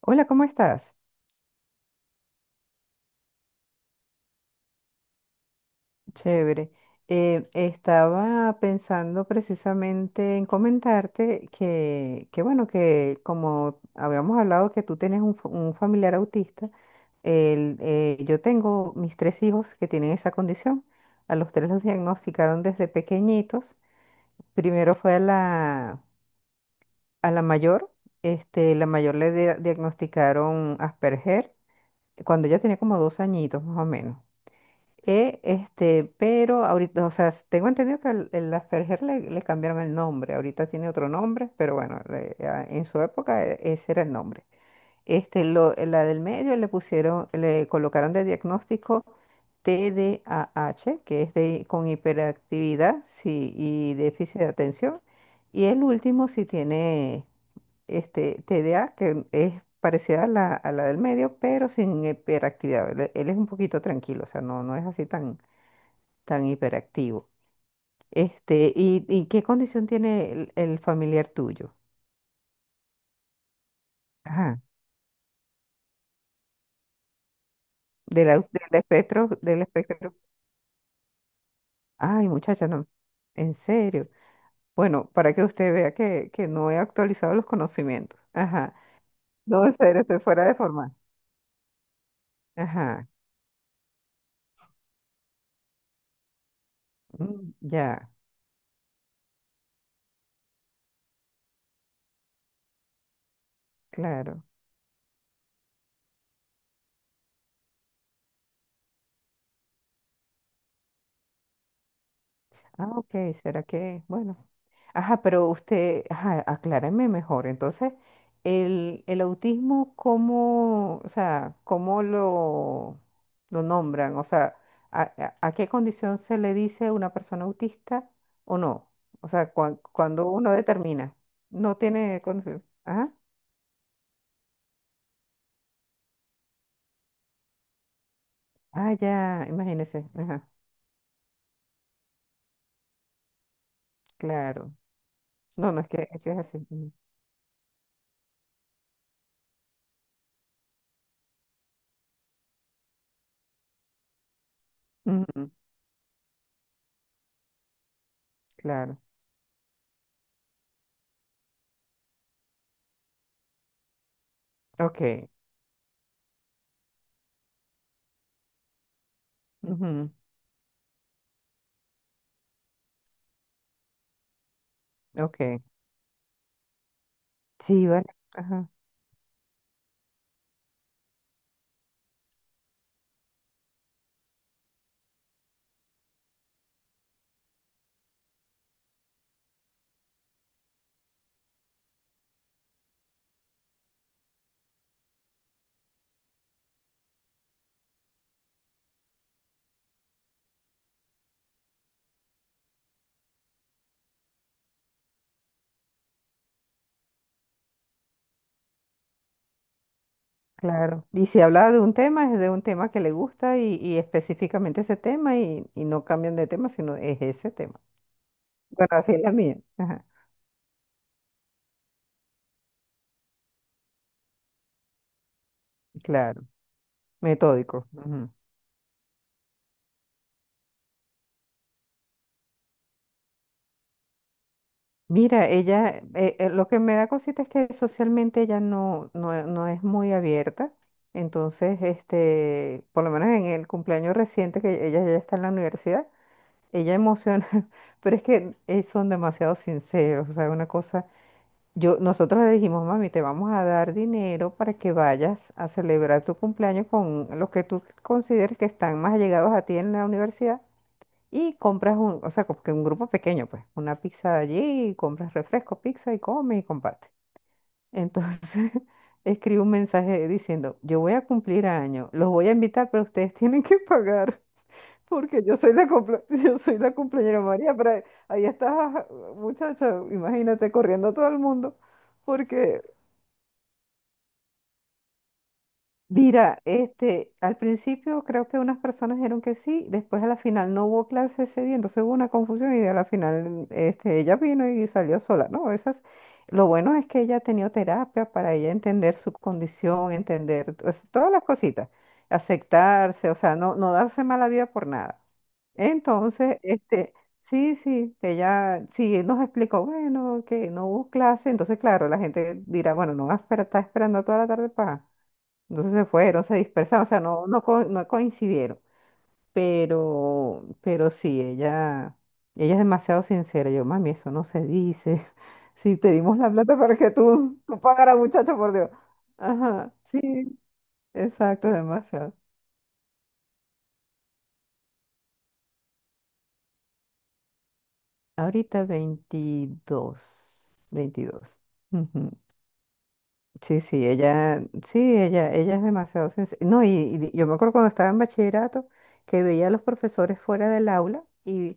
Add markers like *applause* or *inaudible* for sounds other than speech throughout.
Hola, ¿cómo estás? Chévere. Estaba pensando precisamente en comentarte bueno, que como habíamos hablado que tú tienes un, un familiar autista, yo tengo mis tres hijos que tienen esa condición. A los tres los diagnosticaron desde pequeñitos. Primero fue a la mayor, este, la mayor le diagnosticaron Asperger cuando ella tenía como dos añitos más o menos. Pero ahorita, o sea, tengo entendido que el Asperger le cambiaron el nombre, ahorita tiene otro nombre, pero bueno, en su época ese era el nombre. Este, la del medio le pusieron, le colocaron de diagnóstico TDAH, que es de, con hiperactividad sí, y déficit de atención. Y el último si tiene este, TDA, que es parecida a la del medio, pero sin hiperactividad. Él es un poquito tranquilo, o sea, no, no es así tan, tan hiperactivo. Este, ¿y qué condición tiene el familiar tuyo? Ajá, del espectro, del espectro. Ay, muchacha, no. En serio. Bueno, para que usted vea que no he actualizado los conocimientos. Ajá. No, en serio, estoy fuera de forma. Ajá. Ya, claro. Ah, ok, será que, bueno. Ajá, pero usted, ajá, acláreme mejor. Entonces, el autismo, ¿cómo, o sea, cómo lo nombran? O sea, ¿ a qué condición se le dice una persona autista o no? O sea, cuando uno determina, no tiene condición. Ajá. Ah, ya, imagínese. Ajá, claro. No, no, es que es, que es así. Ujú, ujú, claro. Ok, ujú, ok. Sí, vale. Ajá. Claro, y si habla de un tema, es de un tema que le gusta y específicamente ese tema y no cambian de tema, sino es ese tema. Bueno, así es la mía. Ajá. Claro, metódico. Ujú. Mira, ella, lo que me da cosita es que socialmente ella no es muy abierta. Entonces, este, por lo menos en el cumpleaños reciente que ella ya está en la universidad, ella emociona, *laughs* pero es que son demasiado sinceros, o sea, una cosa. Yo, nosotros le dijimos, mami, te vamos a dar dinero para que vayas a celebrar tu cumpleaños con los que tú consideres que están más allegados a ti en la universidad y compras un, o sea, como que un grupo pequeño, pues, una pizza allí, compras refresco, pizza y comes y compartes. Entonces, *laughs* escribe un mensaje diciendo, yo voy a cumplir año, los voy a invitar, pero ustedes tienen que pagar. Porque yo soy la *laughs* yo soy la cumpleañera María, pero ahí ahí estás, muchacha, imagínate corriendo a todo el mundo. Porque mira, este, al principio creo que unas personas dijeron que sí, después a la final no hubo clase ese día, entonces hubo una confusión y a la final este, ella vino y salió sola, ¿no? Esas, lo bueno es que ella ha tenido terapia para ella entender su condición, entender pues, todas las cositas, aceptarse, o sea, no darse mala vida por nada. Entonces, este, sí, sí, ella sí nos explicó, bueno, que no hubo clase, entonces claro, la gente dirá, bueno, no va a esperar, está esperando toda la tarde para... Entonces se fueron, se dispersaron, o sea, no coincidieron. Pero sí, ella es demasiado sincera. Yo, mami, eso no se dice. *laughs* Si te dimos la plata para que tú pagaras, muchacho, por Dios. Ajá, sí, exacto, demasiado. Ahorita 22, 22. Ujú. Sí, sí, ella es demasiado sincera. No, y yo me acuerdo cuando estaba en bachillerato que veía a los profesores fuera del aula y...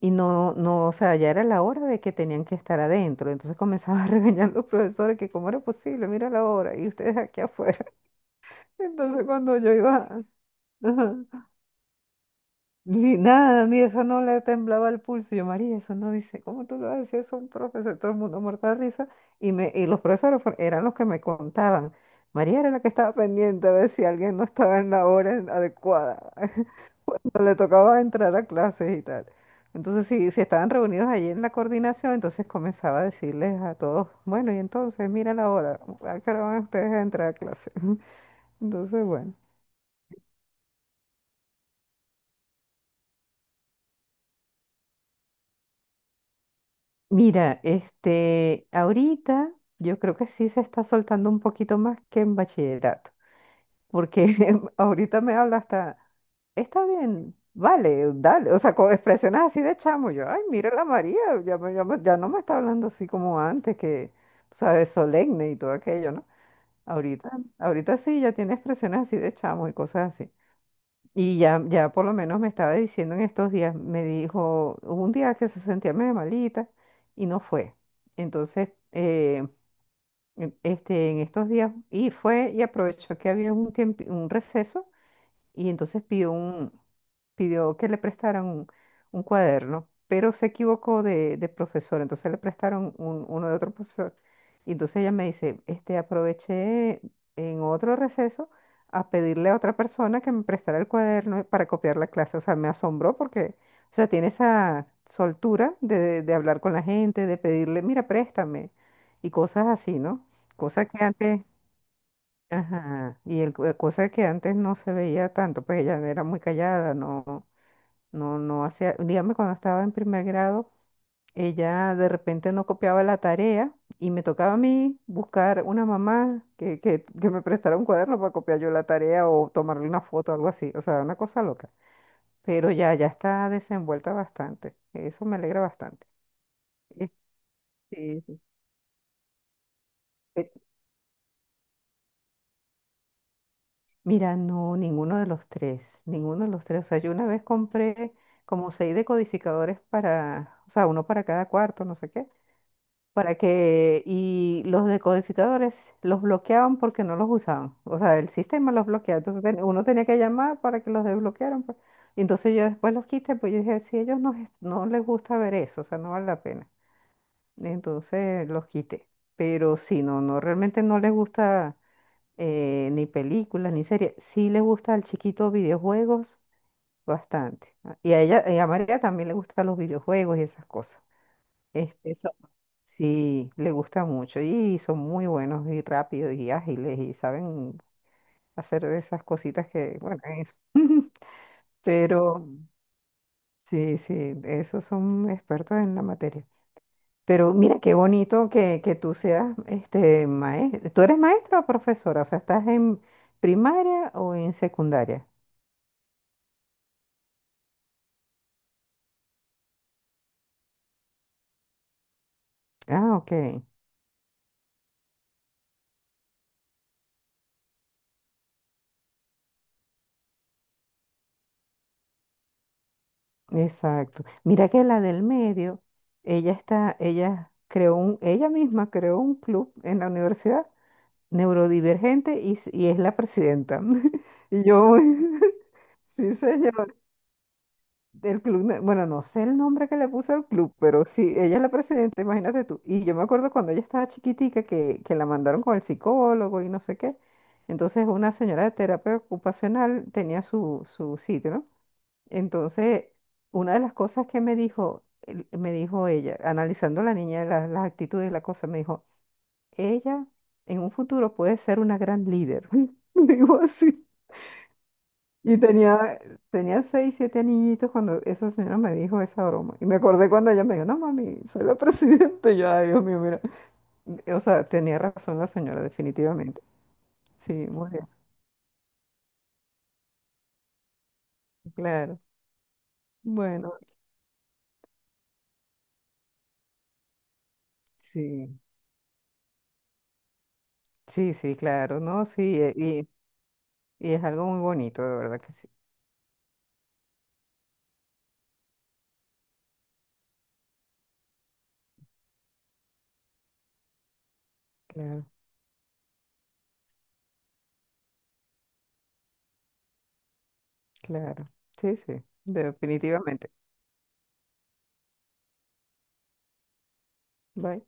Y no, no, o sea, ya era la hora de que tenían que estar adentro. Entonces comenzaba *laughs* a regañar a los profesores que cómo era posible, mira la hora, y ustedes aquí afuera. *laughs* Entonces cuando yo iba, ajá, ni nada, a mí eso no le temblaba el pulso. Y yo, María, eso no dice, ¿cómo tú lo haces? Eso un profesor, todo el mundo muerto de risa. Y los profesores eran los que me contaban. María era la que estaba pendiente a ver si alguien no estaba en la hora adecuada. *laughs* No le tocaba entrar a clases y tal. Entonces, si estaban reunidos allí en la coordinación, entonces comenzaba a decirles a todos, bueno, y entonces, mira la hora, ¿a qué hora van ustedes a entrar a clase? *laughs* Entonces, bueno. Mira, este, ahorita yo creo que sí se está soltando un poquito más que en bachillerato, porque *laughs* ahorita me habla hasta, está bien, vale, dale, o sea, con expresiones así de chamo, yo, ay, mira la María, ya, ya, ya no me está hablando así como antes, que, sabes, solemne y todo aquello, ¿no? Ahorita, ahorita sí, ya tiene expresiones así de chamo y cosas así. Y ya, ya por lo menos me estaba diciendo en estos días, me dijo, hubo un día que se sentía medio malita y no fue. Entonces, este, en estos días, y fue y aprovechó que había un tiempo, un receso y entonces pidió un, pidió que le prestaran un cuaderno, pero se equivocó de profesor, entonces le prestaron uno de otro profesor. Y entonces ella me dice, este, aproveché en otro receso a pedirle a otra persona que me prestara el cuaderno para copiar la clase. O sea, me asombró porque, o sea, tiene esa soltura de hablar con la gente, de pedirle, mira, préstame, y cosas así, ¿no? Cosas que antes... Ajá, cosa que antes no se veía tanto, pues ella era muy callada, no hacía, dígame cuando estaba en primer grado, ella de repente no copiaba la tarea y me tocaba a mí buscar una mamá que me prestara un cuaderno para copiar yo la tarea o tomarle una foto, algo así, o sea, una cosa loca, pero ya, ya está desenvuelta bastante, eso me alegra bastante. Eh, Sí, sí. Sí. Mira, no, ninguno de los tres, ninguno de los tres. O sea, yo una vez compré como seis decodificadores para, o sea, uno para cada cuarto, no sé qué, para que, y los decodificadores los bloqueaban porque no los usaban. O sea, el sistema los bloqueaba. Entonces uno tenía que llamar para que los desbloquearan, pues. Y entonces yo después los quité, pues yo dije, si a ellos no, no les gusta ver eso, o sea, no vale la pena. Entonces los quité. Pero sí, no, no, realmente no les gusta ni películas, ni series. Sí le gusta al chiquito videojuegos bastante. Ah, y a ella, y a María también le gustan los videojuegos y esas cosas. Este, sí, le gusta mucho y son muy buenos y rápidos y ágiles y saben hacer esas cositas que, bueno, eso. Pero sí, sí, esos son expertos en la materia. Pero mira qué bonito que tú seas este maestro. ¿Tú eres maestra o profesora? O sea, ¿estás en primaria o en secundaria? Ah, ok, exacto. Mira que la del medio, ella está, ella creó un, ella misma creó un club en la universidad neurodivergente y, y es la presidenta. *laughs* Y yo, *laughs* sí, señor, del club, bueno, no sé el nombre que le puso al club, pero sí, ella es la presidenta, imagínate tú. Y yo me acuerdo cuando ella estaba chiquitica que la mandaron con el psicólogo y no sé qué. Entonces una señora de terapia ocupacional tenía su sitio, ¿no? Entonces, una de las cosas que me dijo, me dijo ella, analizando la niña, las actitudes y la cosa, me dijo, ella en un futuro puede ser una gran líder. *laughs* Digo así. Y tenía, tenía seis, siete niñitos cuando esa señora me dijo esa broma. Y me acordé cuando ella me dijo, no, mami, soy la *laughs* presidenta. Y yo, ay, Dios mío, mira. O sea, tenía razón la señora, definitivamente. Sí, muy bien. Claro. Bueno, sí. Sí, sí, claro, ¿no? Sí, y es algo muy bonito, de verdad que sí. Claro, claro. Sí, sí, definitivamente. Bye.